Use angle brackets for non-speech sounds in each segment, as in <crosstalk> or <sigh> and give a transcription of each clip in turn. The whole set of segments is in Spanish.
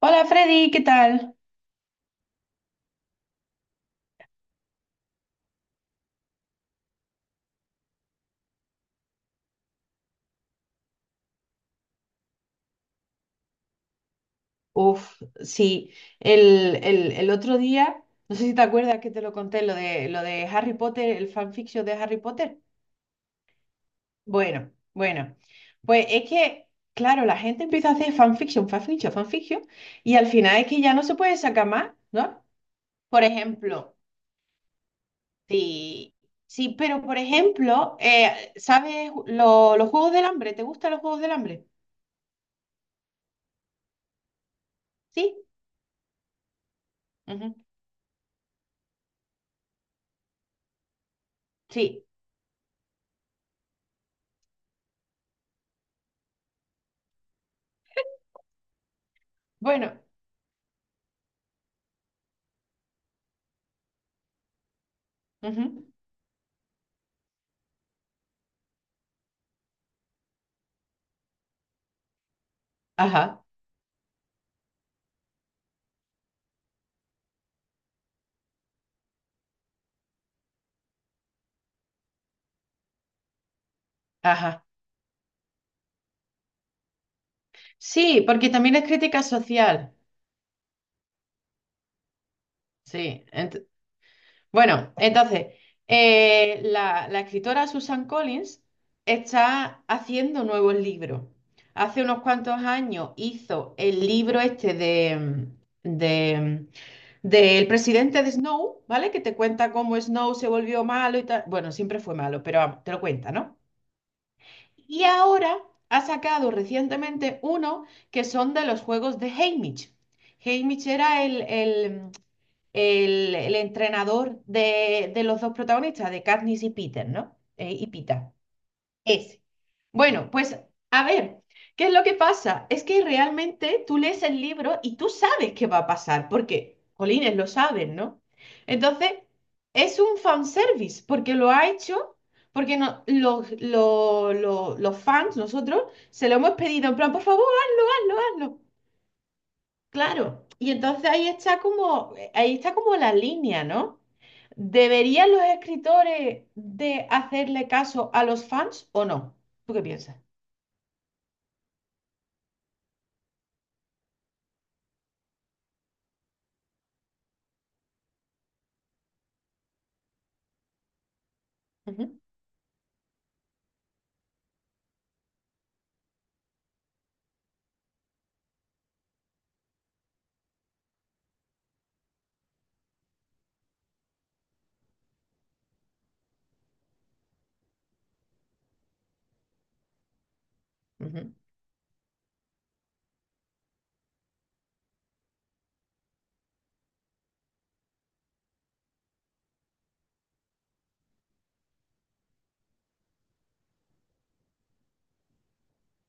Hola Freddy, ¿qué tal? Uf, sí, el otro día, no sé si te acuerdas que te lo conté, lo de Harry Potter, el fanfiction de Harry Potter. Bueno, pues es que, claro, la gente empieza a hacer fanfiction, y al final es que ya no se puede sacar más, ¿no? Por ejemplo, sí, sí, pero por ejemplo, ¿sabes los Juegos del Hambre? ¿Te gustan los Juegos del Hambre? Sí, ujú. Sí, bueno, ujú. Ajá. Ajá. Sí, porque también es crítica social. Sí. Entonces, la escritora Susan Collins está haciendo nuevos libros. Hace unos cuantos años hizo el libro este de, del presidente de Snow, ¿vale? Que te cuenta cómo Snow se volvió malo y tal. Bueno, siempre fue malo, pero vamos, te lo cuenta, ¿no? Y ahora ha sacado recientemente uno que son de los juegos de Haymitch. Haymitch era el entrenador de los dos protagonistas, de Katniss y Peter, ¿no? Y Pita. Ese. Bueno, pues a ver, ¿qué es lo que pasa? Es que realmente tú lees el libro y tú sabes qué va a pasar, porque Colines lo saben, ¿no? Entonces, es un fanservice, porque lo ha hecho, porque no, los fans, nosotros, se lo hemos pedido en plan, por favor, hazlo. Claro. Y entonces ahí está como la línea, ¿no? ¿Deberían los escritores de hacerle caso a los fans o no? ¿Tú qué piensas? Ujú.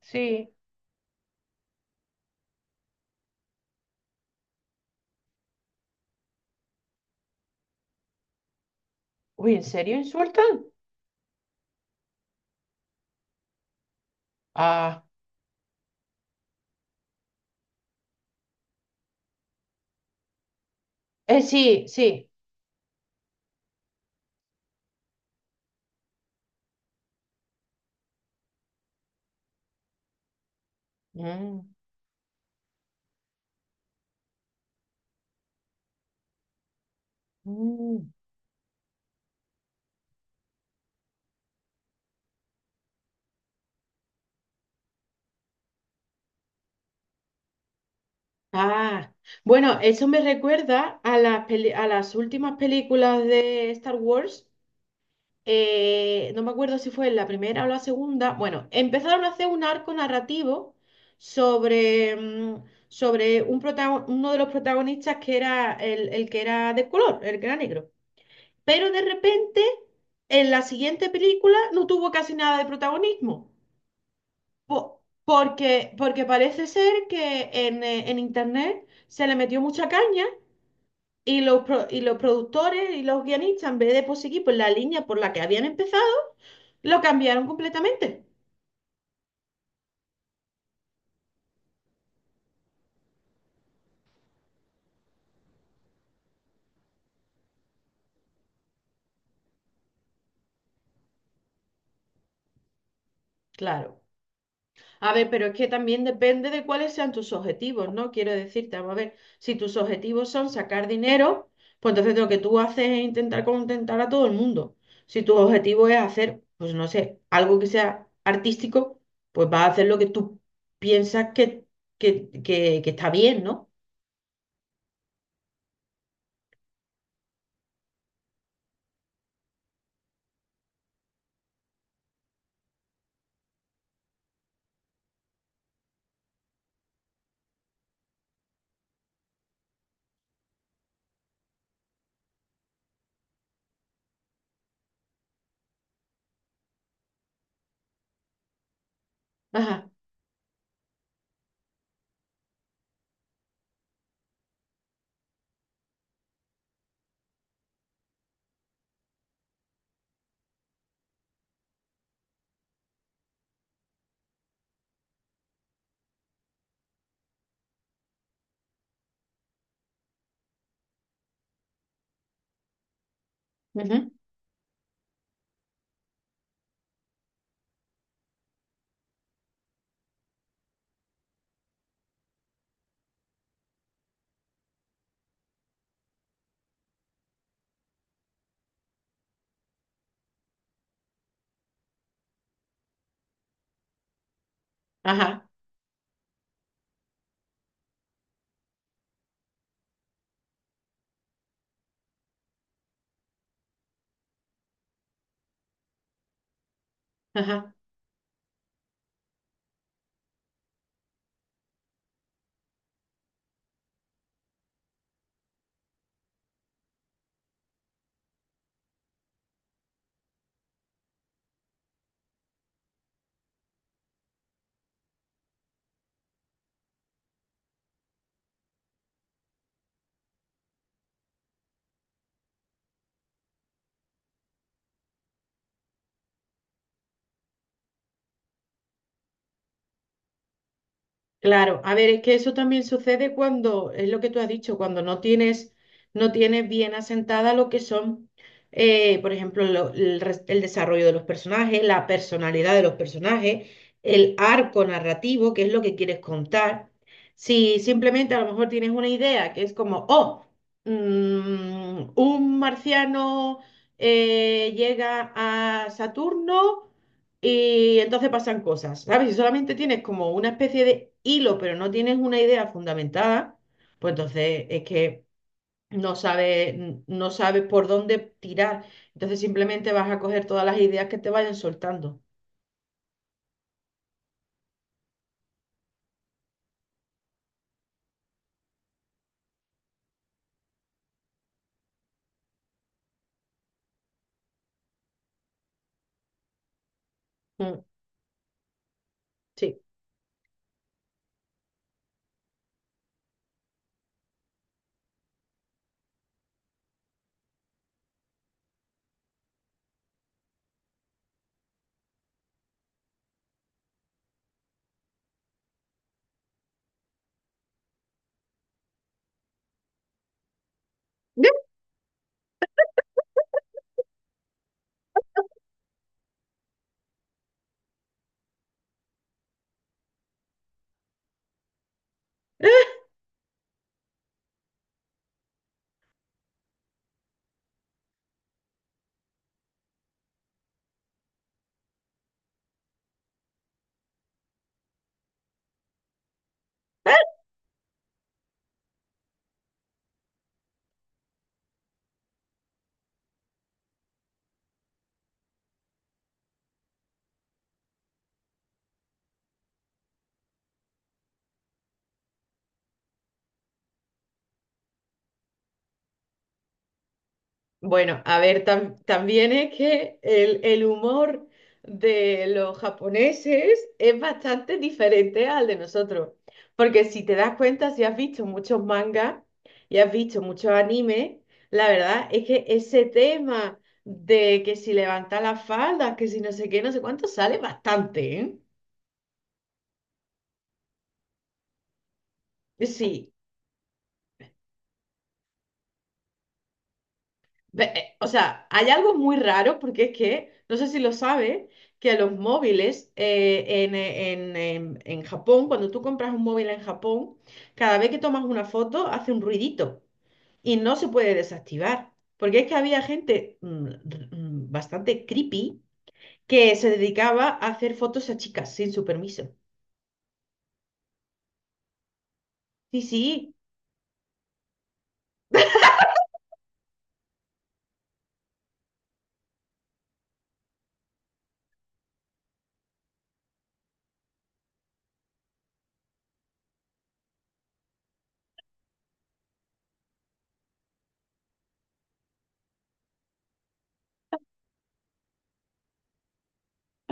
Sí. Uy, ¿en serio insultan? Ah, sí, sí. Mm, mm. Ah, bueno, eso me recuerda a las a las últimas películas de Star Wars. No me acuerdo si fue en la primera o la segunda. Bueno, empezaron a hacer un arco narrativo sobre, sobre un uno de los protagonistas que era el que era de color, el que era negro. Pero de repente, en la siguiente película no tuvo casi nada de protagonismo. Porque parece ser que en internet se le metió mucha caña y los productores y los guionistas, en vez de pues, seguir por la línea por la que habían empezado, lo cambiaron completamente. Claro. A ver, pero es que también depende de cuáles sean tus objetivos, ¿no? Quiero decirte, vamos a ver, si tus objetivos son sacar dinero, pues entonces lo que tú haces es intentar contentar a todo el mundo. Si tu objetivo es hacer, pues no sé, algo que sea artístico, pues vas a hacer lo que tú piensas que está bien, ¿no? Ajá, ujú, ajá, ajá. Claro, a ver, es que eso también sucede cuando, es lo que tú has dicho, cuando no tienes bien asentada lo que son, por ejemplo, el desarrollo de los personajes, la personalidad de los personajes, el arco narrativo, que es lo que quieres contar. Si simplemente a lo mejor tienes una idea que es como, oh, un marciano llega a Saturno y entonces pasan cosas, ¿sabes? Si solamente tienes como una especie de hilo, pero no tienes una idea fundamentada, pues entonces es que no sabes por dónde tirar. Entonces simplemente vas a coger todas las ideas que te vayan soltando. Mm, sí. <laughs> Bueno, a ver, también es que el humor de los japoneses es bastante diferente al de nosotros. Porque si te das cuenta, si has visto muchos mangas y has visto muchos animes, la verdad es que ese tema de que si levanta las faldas, que si no sé qué, no sé cuánto, sale bastante, ¿eh? Sí, o sea, hay algo muy raro porque es que, no sé si lo sabes, que los móviles en Japón, cuando tú compras un móvil en Japón, cada vez que tomas una foto hace un ruidito y no se puede desactivar. Porque es que había gente bastante creepy que se dedicaba a hacer fotos a chicas sin su permiso. Sí, sí.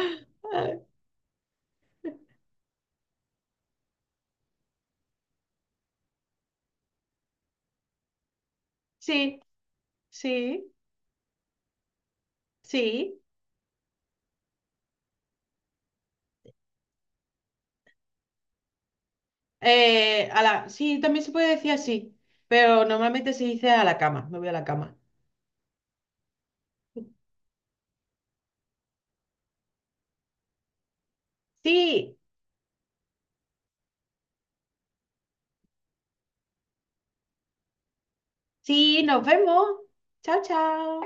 <gasps> <laughs> Sí, sí, sí. A la, sí, también se puede decir así, pero normalmente se dice a la cama, me voy a la cama. Sí, sí, nos vemos. Chao, chao.